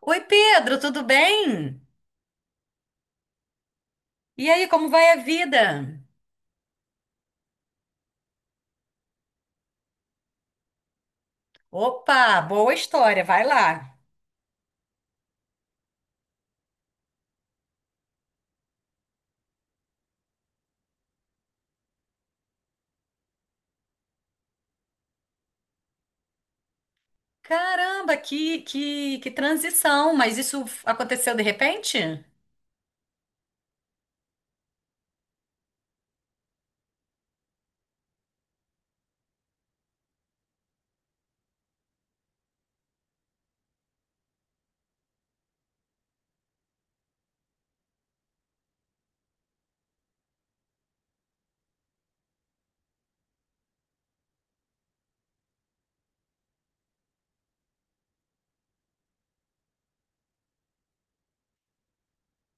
Oi, Pedro, tudo bem? E aí, como vai a vida? Opa, boa história, vai lá. Caramba, que transição, mas isso aconteceu de repente?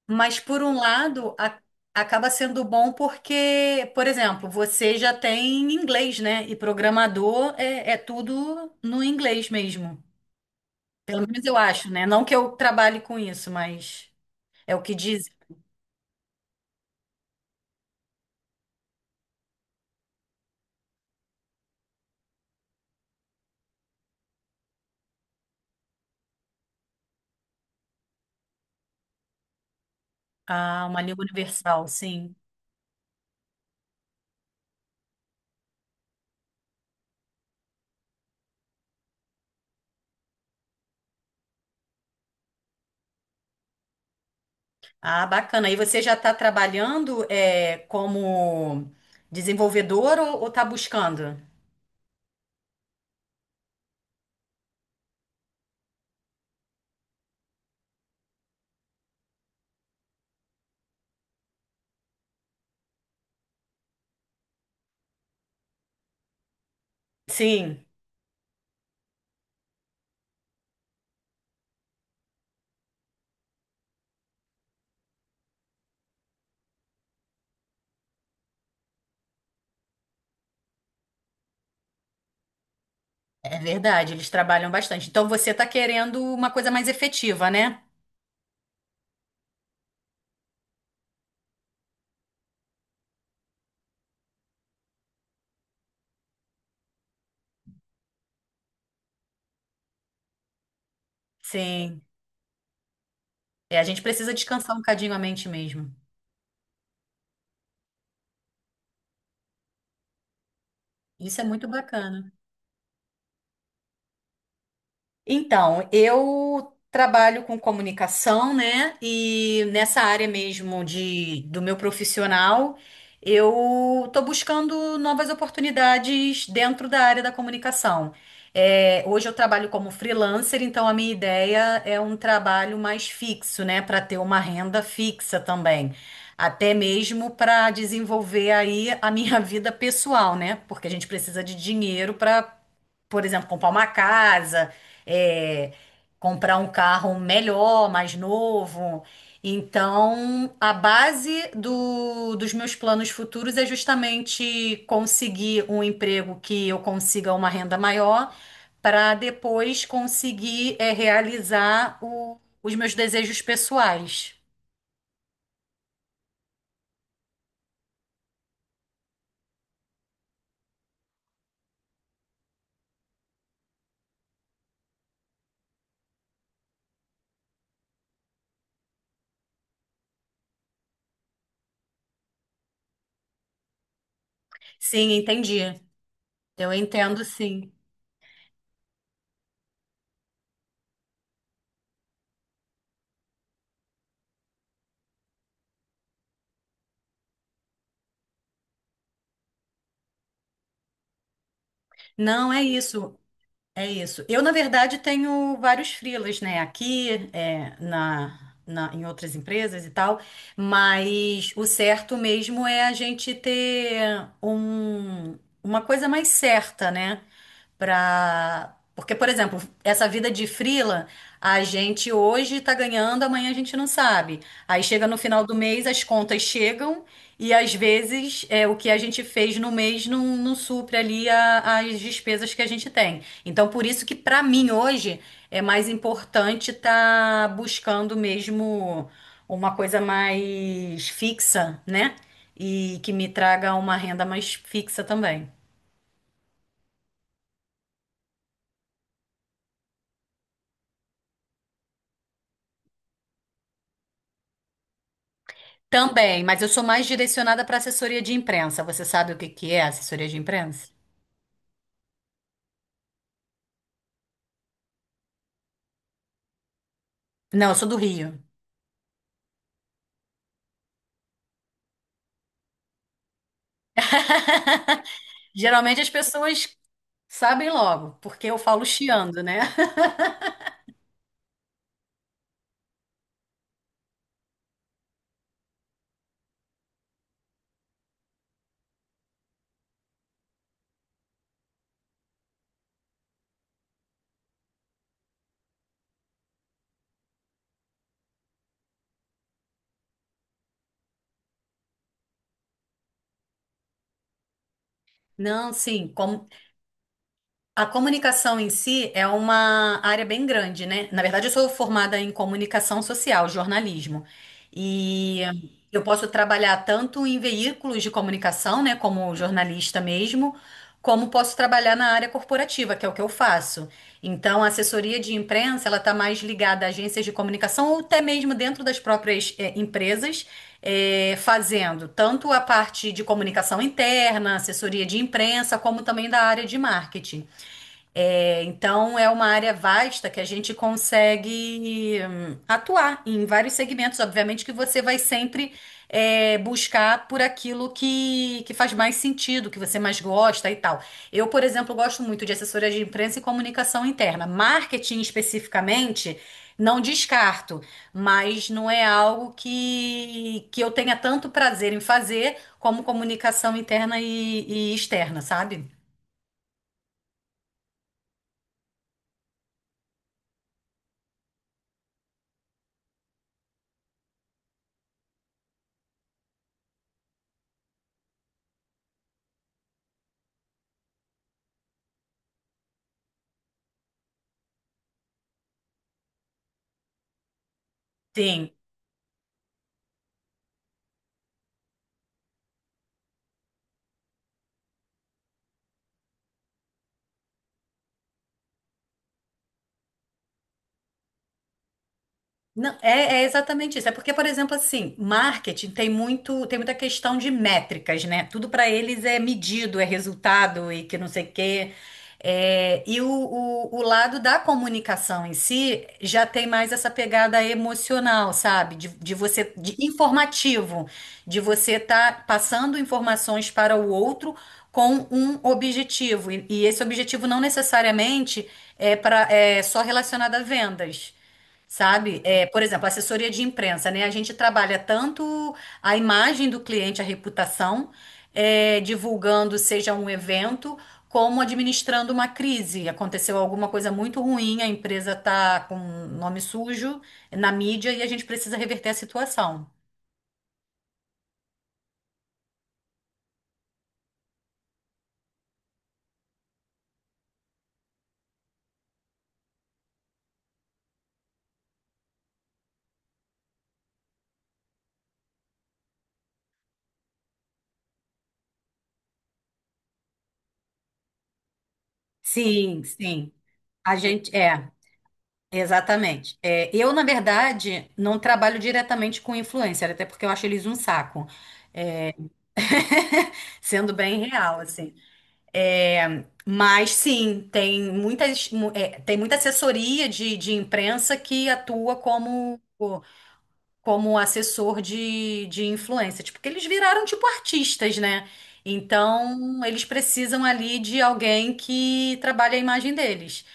Mas por um lado, acaba sendo bom porque, por exemplo, você já tem inglês, né? E programador é tudo no inglês mesmo. Pelo menos eu acho, né? Não que eu trabalhe com isso, mas é o que diz. Ah, uma língua universal, sim. Ah, bacana. E você já está trabalhando como desenvolvedor ou está buscando? Sim, é verdade, eles trabalham bastante. Então você está querendo uma coisa mais efetiva, né? Sim. É, a gente precisa descansar um bocadinho a mente mesmo. Isso é muito bacana. Então, eu trabalho com comunicação, né? E nessa área mesmo de, do meu profissional, eu estou buscando novas oportunidades dentro da área da comunicação. É, hoje eu trabalho como freelancer, então a minha ideia é um trabalho mais fixo, né? Para ter uma renda fixa também. Até mesmo para desenvolver aí a minha vida pessoal, né? Porque a gente precisa de dinheiro, por exemplo, comprar uma casa, é, comprar um carro melhor, mais novo. Então, a base dos meus planos futuros é justamente conseguir um emprego que eu consiga uma renda maior, para depois conseguir, realizar os meus desejos pessoais. Sim, entendi. Eu entendo, sim. Não é isso. É isso. Eu, na verdade, tenho vários freelas, né? Aqui, em outras empresas e tal, mas o certo mesmo é a gente ter uma coisa mais certa, né? Pra... Porque, por exemplo, essa vida de freela, a gente hoje tá ganhando, amanhã a gente não sabe. Aí chega no final do mês, as contas chegam e às vezes o que a gente fez no mês não supre ali as despesas que a gente tem. Então, por isso que para mim hoje é mais importante estar buscando mesmo uma coisa mais fixa, né? E que me traga uma renda mais fixa também. Também, mas eu sou mais direcionada para assessoria de imprensa. Você sabe o que que é assessoria de imprensa? Não, eu sou do Rio. Geralmente as pessoas sabem logo, porque eu falo chiando, né? Não, sim, como, a comunicação em si é uma área bem grande, né? Na verdade, eu sou formada em comunicação social, jornalismo. E eu posso trabalhar tanto em veículos de comunicação, né, como jornalista mesmo, como posso trabalhar na área corporativa, que é o que eu faço. Então, a assessoria de imprensa, ela está mais ligada a agências de comunicação ou até mesmo dentro das próprias, empresas, fazendo tanto a parte de comunicação interna, assessoria de imprensa, como também da área de marketing. É, então, é uma área vasta que a gente consegue atuar em vários segmentos. Obviamente que você vai sempre buscar por aquilo que faz mais sentido, que você mais gosta e tal. Eu, por exemplo, gosto muito de assessoria de imprensa e comunicação interna. Marketing especificamente, não descarto, mas não é algo que eu tenha tanto prazer em fazer como comunicação interna e externa, sabe? Sim. Não, é exatamente isso. É porque, por exemplo, assim, marketing tem muita questão de métricas, né? Tudo para eles é medido, é resultado e que não sei o quê. É, e o lado da comunicação em si já tem mais essa pegada emocional, sabe? De você, de informativo, de você estar passando informações para o outro com um objetivo. E esse objetivo não necessariamente é só relacionado a vendas. Sabe? É, por exemplo, assessoria de imprensa, né? A gente trabalha tanto a imagem do cliente, a reputação, divulgando, seja um evento, como administrando uma crise. Aconteceu alguma coisa muito ruim, a empresa está com nome sujo na mídia e a gente precisa reverter a situação. Sim, sim. A gente é, exatamente. É, eu, na verdade, não trabalho diretamente com influencer, até porque eu acho eles um saco, sendo bem real, assim. É, mas sim, tem muita assessoria de imprensa que atua como, como assessor de influência, tipo, porque eles viraram tipo artistas, né? Então, eles precisam ali de alguém que trabalhe a imagem deles,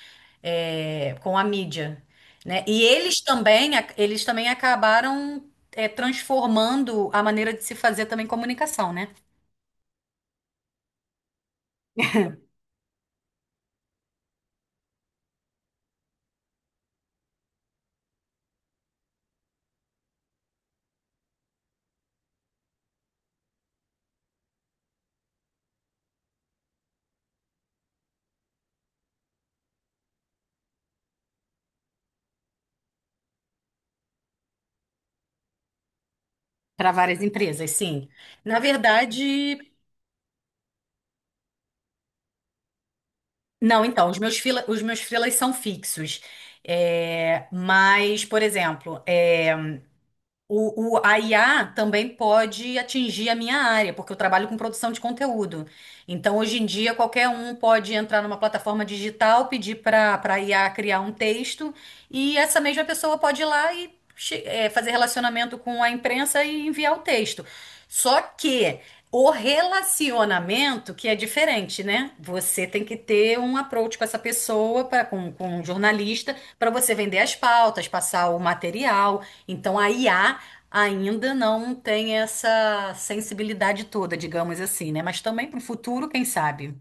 com a mídia, né? E eles também, eles também acabaram, transformando a maneira de se fazer também comunicação, né? Para várias empresas, sim. Na verdade, não, então, os meus freela, os meus freelas são fixos. É, mas, por exemplo, a IA também pode atingir a minha área, porque eu trabalho com produção de conteúdo. Então, hoje em dia, qualquer um pode entrar numa plataforma digital, pedir para a IA criar um texto, e essa mesma pessoa pode ir lá e fazer relacionamento com a imprensa e enviar o texto. Só que o relacionamento que é diferente, né? Você tem que ter um approach com essa pessoa, com um jornalista, para você vender as pautas, passar o material. Então, a IA ainda não tem essa sensibilidade toda, digamos assim, né? Mas também para o futuro, quem sabe?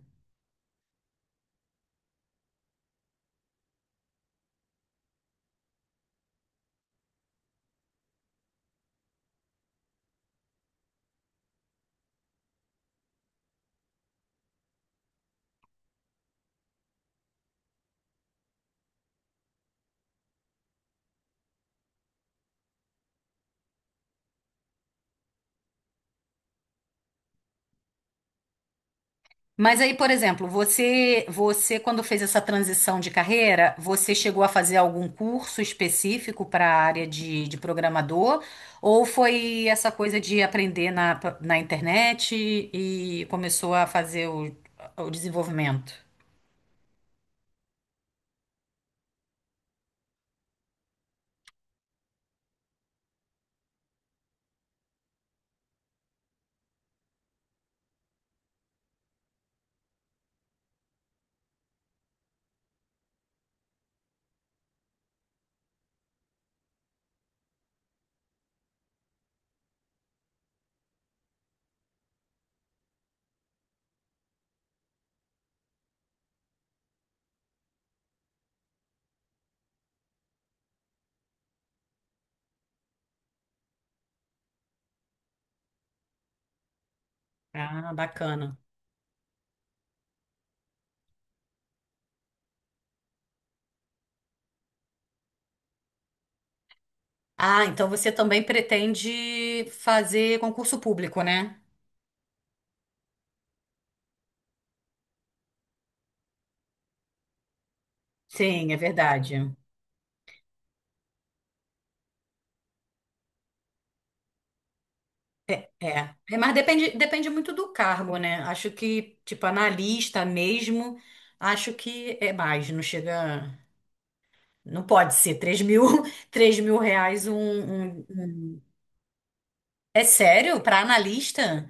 Mas aí, por exemplo, você quando fez essa transição de carreira, você chegou a fazer algum curso específico para a área de programador? Ou foi essa coisa de aprender na internet e começou a fazer o desenvolvimento? Ah, bacana. Ah, então você também pretende fazer concurso público, né? Sim, é verdade. É. É, mas depende, depende muito do cargo, né? Acho que, tipo, analista mesmo, acho que é mais, não chega. Não pode ser 3 mil, 3 mil reais um, É sério? Para analista?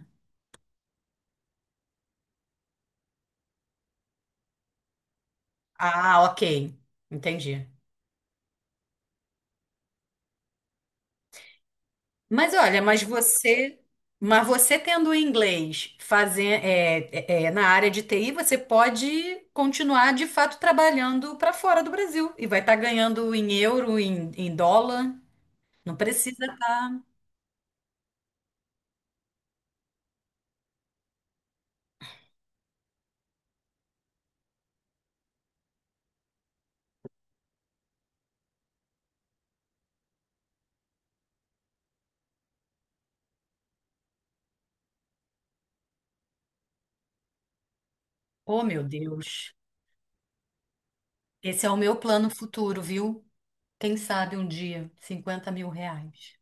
Ah, ok. Entendi. Mas olha, mas você, mas você tendo o inglês fazer, na área de TI, você pode continuar de fato trabalhando para fora do Brasil e vai estar ganhando em euro, em dólar. Não precisa tá... Oh, meu Deus. Esse é o meu plano futuro, viu? Quem sabe um dia, 50 mil reais.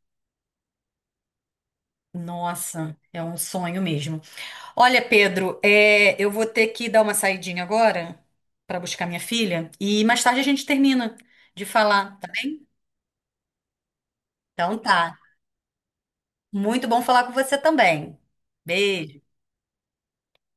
Nossa, é um sonho mesmo. Olha, Pedro, eu vou ter que dar uma saidinha agora para buscar minha filha e mais tarde a gente termina de falar, tá bem? Então tá. Muito bom falar com você também. Beijo.